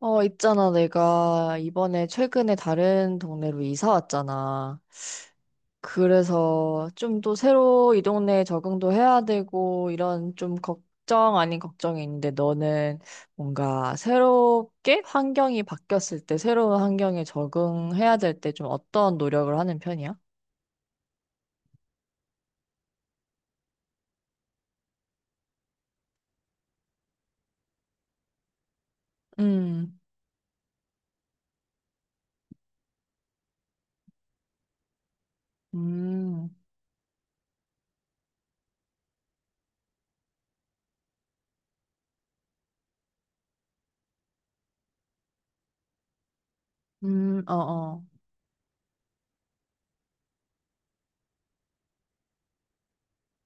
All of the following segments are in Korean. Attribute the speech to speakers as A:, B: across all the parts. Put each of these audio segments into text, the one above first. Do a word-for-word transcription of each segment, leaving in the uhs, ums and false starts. A: 어, 있잖아. 내가 이번에 최근에 다른 동네로 이사 왔잖아. 그래서 좀 또 새로 이 동네에 적응도 해야 되고 이런 좀 걱정 아닌 걱정이 있는데 너는 뭔가 새롭게 환경이 바뀌었을 때 새로운 환경에 적응해야 될 때 좀 어떤 노력을 하는 편이야? 음, 음, 음, 어, 어.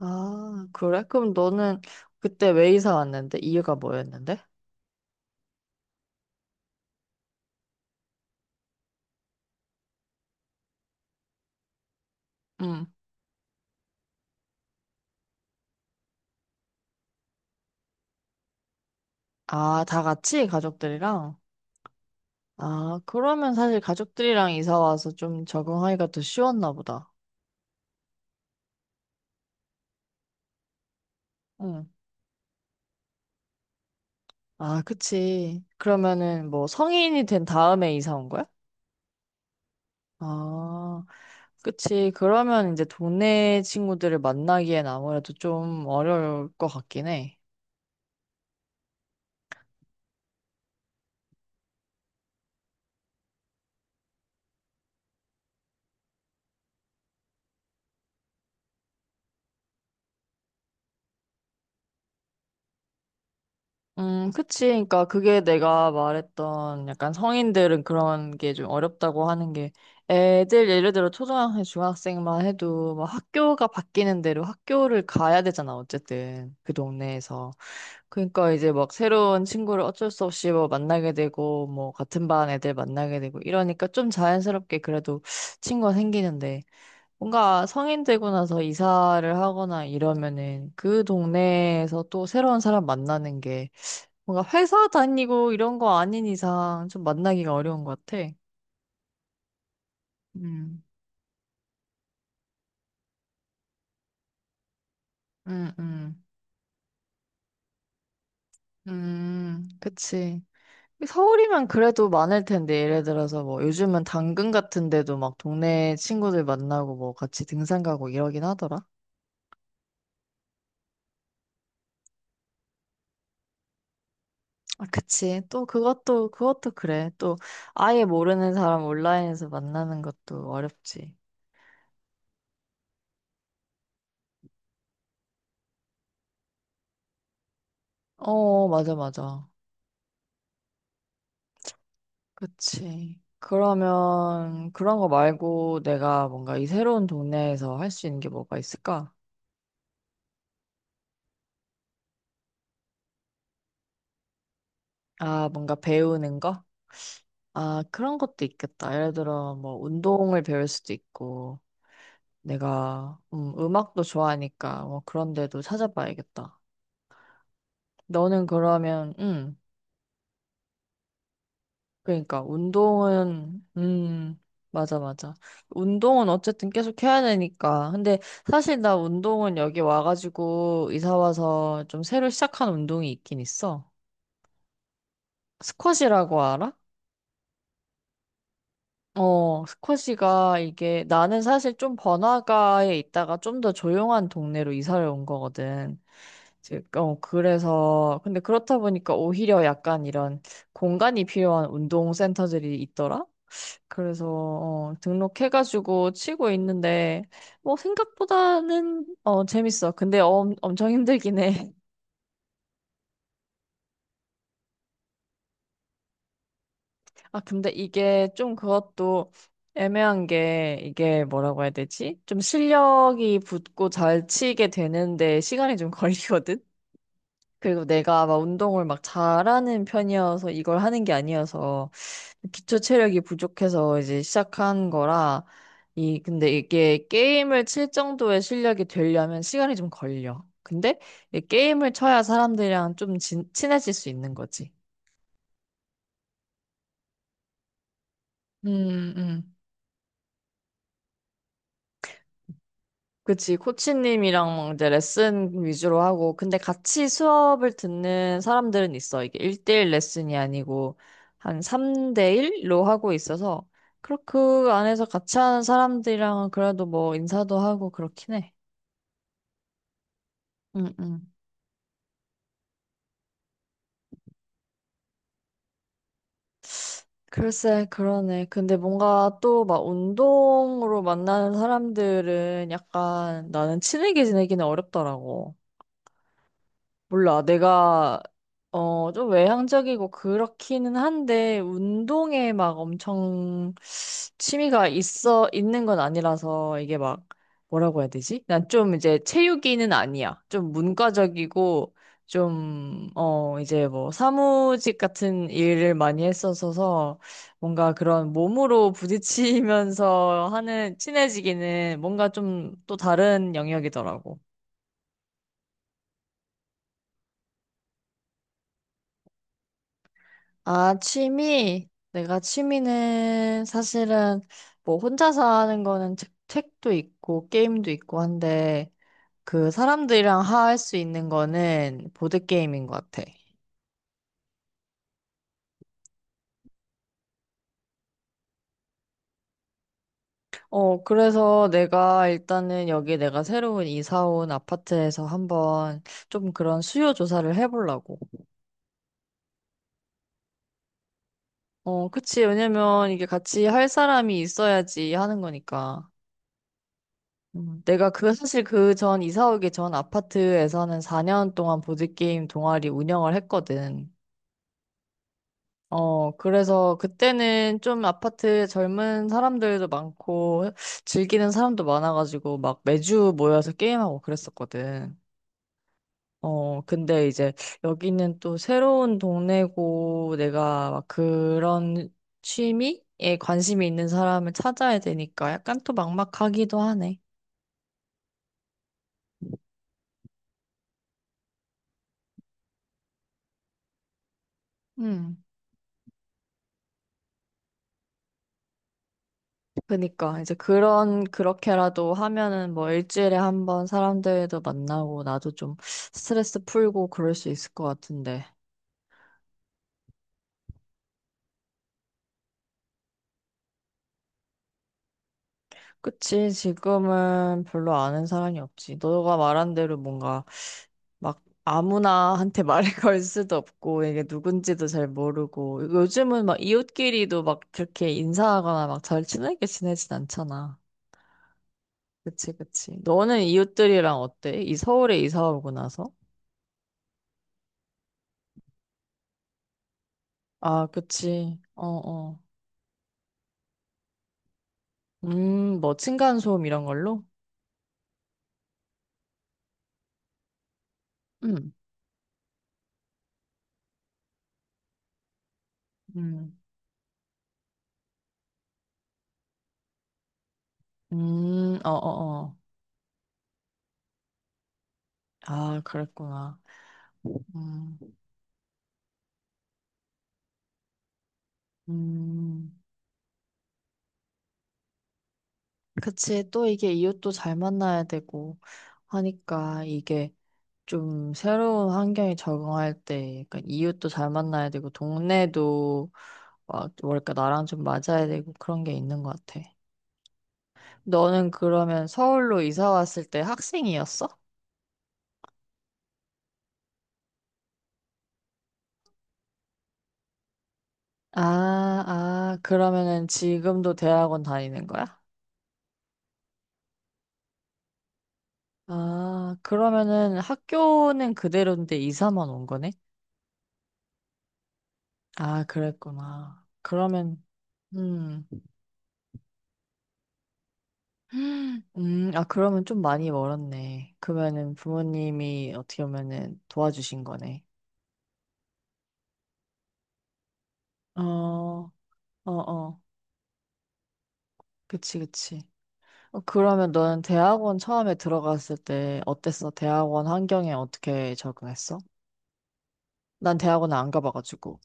A: 아, 그래? 그럼 너는 그때 왜 이사 왔는데? 이유가 뭐였는데? 아, 다 같이 가족들이랑? 아, 그러면 사실 가족들이랑 이사 와서 좀 적응하기가 더 쉬웠나 보다. 응. 아, 그치. 그러면은 뭐 성인이 된 다음에 이사 온 거야? 아, 그치. 그러면 이제 동네 친구들을 만나기엔 아무래도 좀 어려울 것 같긴 해. 음, 그치. 그러니까 그게 내가 말했던 약간 성인들은 그런 게 좀 어렵다고 하는 게 애들 예를 들어 초등학생, 중학생만 해도 막 학교가 바뀌는 대로 학교를 가야 되잖아. 어쨌든 그 동네에서. 그러니까 이제 막 새로운 친구를 어쩔 수 없이 뭐 만나게 되고 뭐 같은 반 애들 만나게 되고 이러니까 좀 자연스럽게 그래도 친구가 생기는데 뭔가 성인 되고 나서 이사를 하거나 이러면은 그 동네에서 또 새로운 사람 만나는 게 뭔가 회사 다니고 이런 거 아닌 이상 좀 만나기가 어려운 것 같아. 음, 음, 음, 음, 그치. 서울이면 그래도 많을 텐데, 예를 들어서 뭐 요즘은 당근 같은 데도 막 동네 친구들 만나고 뭐 같이 등산 가고 이러긴 하더라. 아, 그치. 또 그것도, 그것도 그래. 또 아예 모르는 사람 온라인에서 만나는 것도 어렵지. 어, 맞아, 맞아. 그치. 그러면 그런 거 말고 내가 뭔가 이 새로운 동네에서 할 수 있는 게 뭐가 있을까? 아, 뭔가 배우는 거? 아, 그런 것도 있겠다. 예를 들어 뭐 운동을 배울 수도 있고 내가 음, 음악도 좋아하니까 뭐 그런 데도 찾아봐야겠다. 너는 그러면 음, 그러니까 운동은 음 맞아 맞아 운동은 어쨌든 계속 해야 되니까 근데 사실 나 운동은 여기 와가지고 이사 와서 좀 새로 시작한 운동이 있긴 있어 스쿼시라고 알아? 어 스쿼시가 이게 나는 사실 좀 번화가에 있다가 좀 더 조용한 동네로 이사를 온 거거든 이제, 어 그래서 근데 그렇다 보니까 오히려 약간 이런 공간이 필요한 운동 센터들이 있더라 그래서 어, 등록해가지고 치고 있는데 뭐 생각보다는 어, 재밌어. 근데 엄, 엄청 힘들긴 해. 아 근데 이게 좀 그것도 애매한 게 이게 뭐라고 해야 되지? 좀 실력이 붙고 잘 치게 되는데 시간이 좀 걸리거든. 그리고 내가 막 운동을 막 잘하는 편이어서 이걸 하는 게 아니어서 기초 체력이 부족해서 이제 시작한 거라 이 근데 이게 게임을 칠 정도의 실력이 되려면 시간이 좀 걸려. 근데 이 게임을 쳐야 사람들이랑 좀 진, 친해질 수 있는 거지. 음, 음. 그치, 코치님이랑 이제 레슨 위주로 하고, 근데 같이 수업을 듣는 사람들은 있어. 이게 일 대일 레슨이 아니고, 한 삼 대일로 하고 있어서, 그그 안에서 같이 하는 사람들이랑은 그래도 뭐 인사도 하고 그렇긴 해. 응, 응. 글쎄, 그러네. 근데 뭔가 또 막 운동으로 만나는 사람들은 약간 나는 친하게 지내기는 어렵더라고. 몰라. 내가, 어, 좀 외향적이고 그렇기는 한데, 운동에 막 엄청 취미가 있어, 있는 건 아니라서 이게 막 뭐라고 해야 되지? 난 좀 이제 체육이는 아니야. 좀 문과적이고 좀, 어, 이제 뭐 사무직 같은 일을 많이 했었어서 뭔가 그런 몸으로 부딪히면서 하는 친해지기는 뭔가 좀 또 다른 영역이더라고. 아, 취미? 내가 취미는 사실은 뭐 혼자서 하는 거는 책, 책도 있고 게임도 있고 한데 그 사람들이랑 할 수 있는 거는 보드게임인 것 같아. 어, 그래서 내가 일단은 여기 내가 새로운 이사 온 아파트에서 한번 좀 그런 수요 조사를 해보려고. 어, 그치. 왜냐면 이게 같이 할 사람이 있어야지 하는 거니까. 음, 내가 그 사실 그 전 이사 오기 전 아파트에서는 사 년 동안 보드게임 동아리 운영을 했거든. 어, 그래서 그때는 좀 아파트 젊은 사람들도 많고 즐기는 사람도 많아가지고 막 매주 모여서 게임하고 그랬었거든. 어, 근데 이제 여기는 또 새로운 동네고 내가 막 그런 취미에 관심이 있는 사람을 찾아야 되니까 약간 또 막막하기도 하네. 음. 그니까 이제 그런 그렇게라도 하면은 뭐 일주일에 한번 사람들도 만나고 나도 좀 스트레스 풀고 그럴 수 있을 것 같은데. 그치, 지금은 별로 아는 사람이 없지. 너가 말한 대로 뭔가 막 아무나한테 말을 걸 수도 없고, 이게 누군지도 잘 모르고, 요즘은 막 이웃끼리도 막 그렇게 인사하거나 막 잘 친하게 지내진 않잖아. 그치, 그치. 너는 이웃들이랑 어때? 이 서울에 이사 오고 나서? 아, 그치. 어, 어. 음, 뭐 층간소음 이런 걸로? 음, 음, 음, 어, 어, 어. 아, 그랬구나. 음, 음. 그치, 또 이게 이웃도 잘 만나야 되고 하니까 이게 좀 새로운 환경에 적응할 때 약간 이웃도 잘 만나야 되고 동네도 막 뭐랄까 나랑 좀 맞아야 되고 그런 게 있는 것 같아. 너는 그러면 서울로 이사 왔을 때 학생이었어? 아, 아, 그러면은 지금도 대학원 다니는 거야? 아, 그러면은 학교는 그대로인데 이사만 온 거네? 아, 그랬구나. 그러면, 음. 음, 아, 그러면 좀 많이 멀었네. 그러면은 부모님이 어떻게 보면은 도와주신 거네. 어, 어, 어. 그치, 그치. 어, 그러면 너는 대학원 처음에 들어갔을 때 어땠어? 대학원 환경에 어떻게 적응했어? 난 대학원 안 가봐가지고.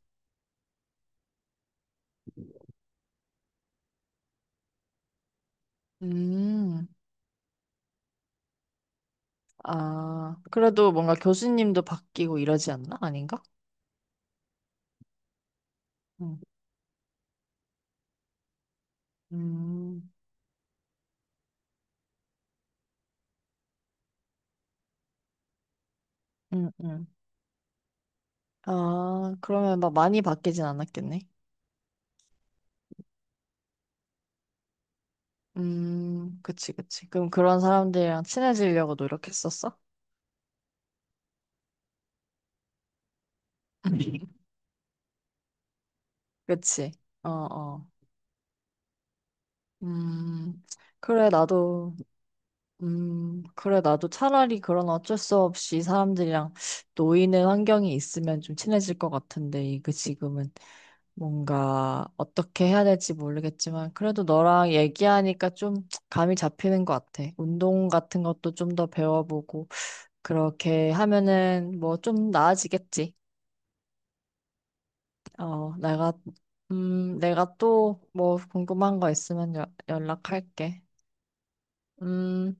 A: 음, 아, 그래도 뭔가 교수님도 바뀌고 이러지 않나? 아닌가? 응, 음, 음, 음. 아, 그러면 막 많이 바뀌진 않았겠네. 음, 그치, 그치. 그럼 그런 사람들이랑 친해지려고 노력했었어? 그치. 어, 어. 음, 그래, 나도, 음, 그래, 나도 차라리 그런 어쩔 수 없이 사람들이랑 놓이는 환경이 있으면 좀 친해질 것 같은데, 이거 지금은 뭔가 어떻게 해야 될지 모르겠지만, 그래도 너랑 얘기하니까 좀 감이 잡히는 것 같아. 운동 같은 것도 좀 더 배워보고, 그렇게 하면은 뭐 좀 나아지겠지. 어, 내가, 음, 내가 또 뭐 궁금한 거 있으면 여, 연락할게. 음.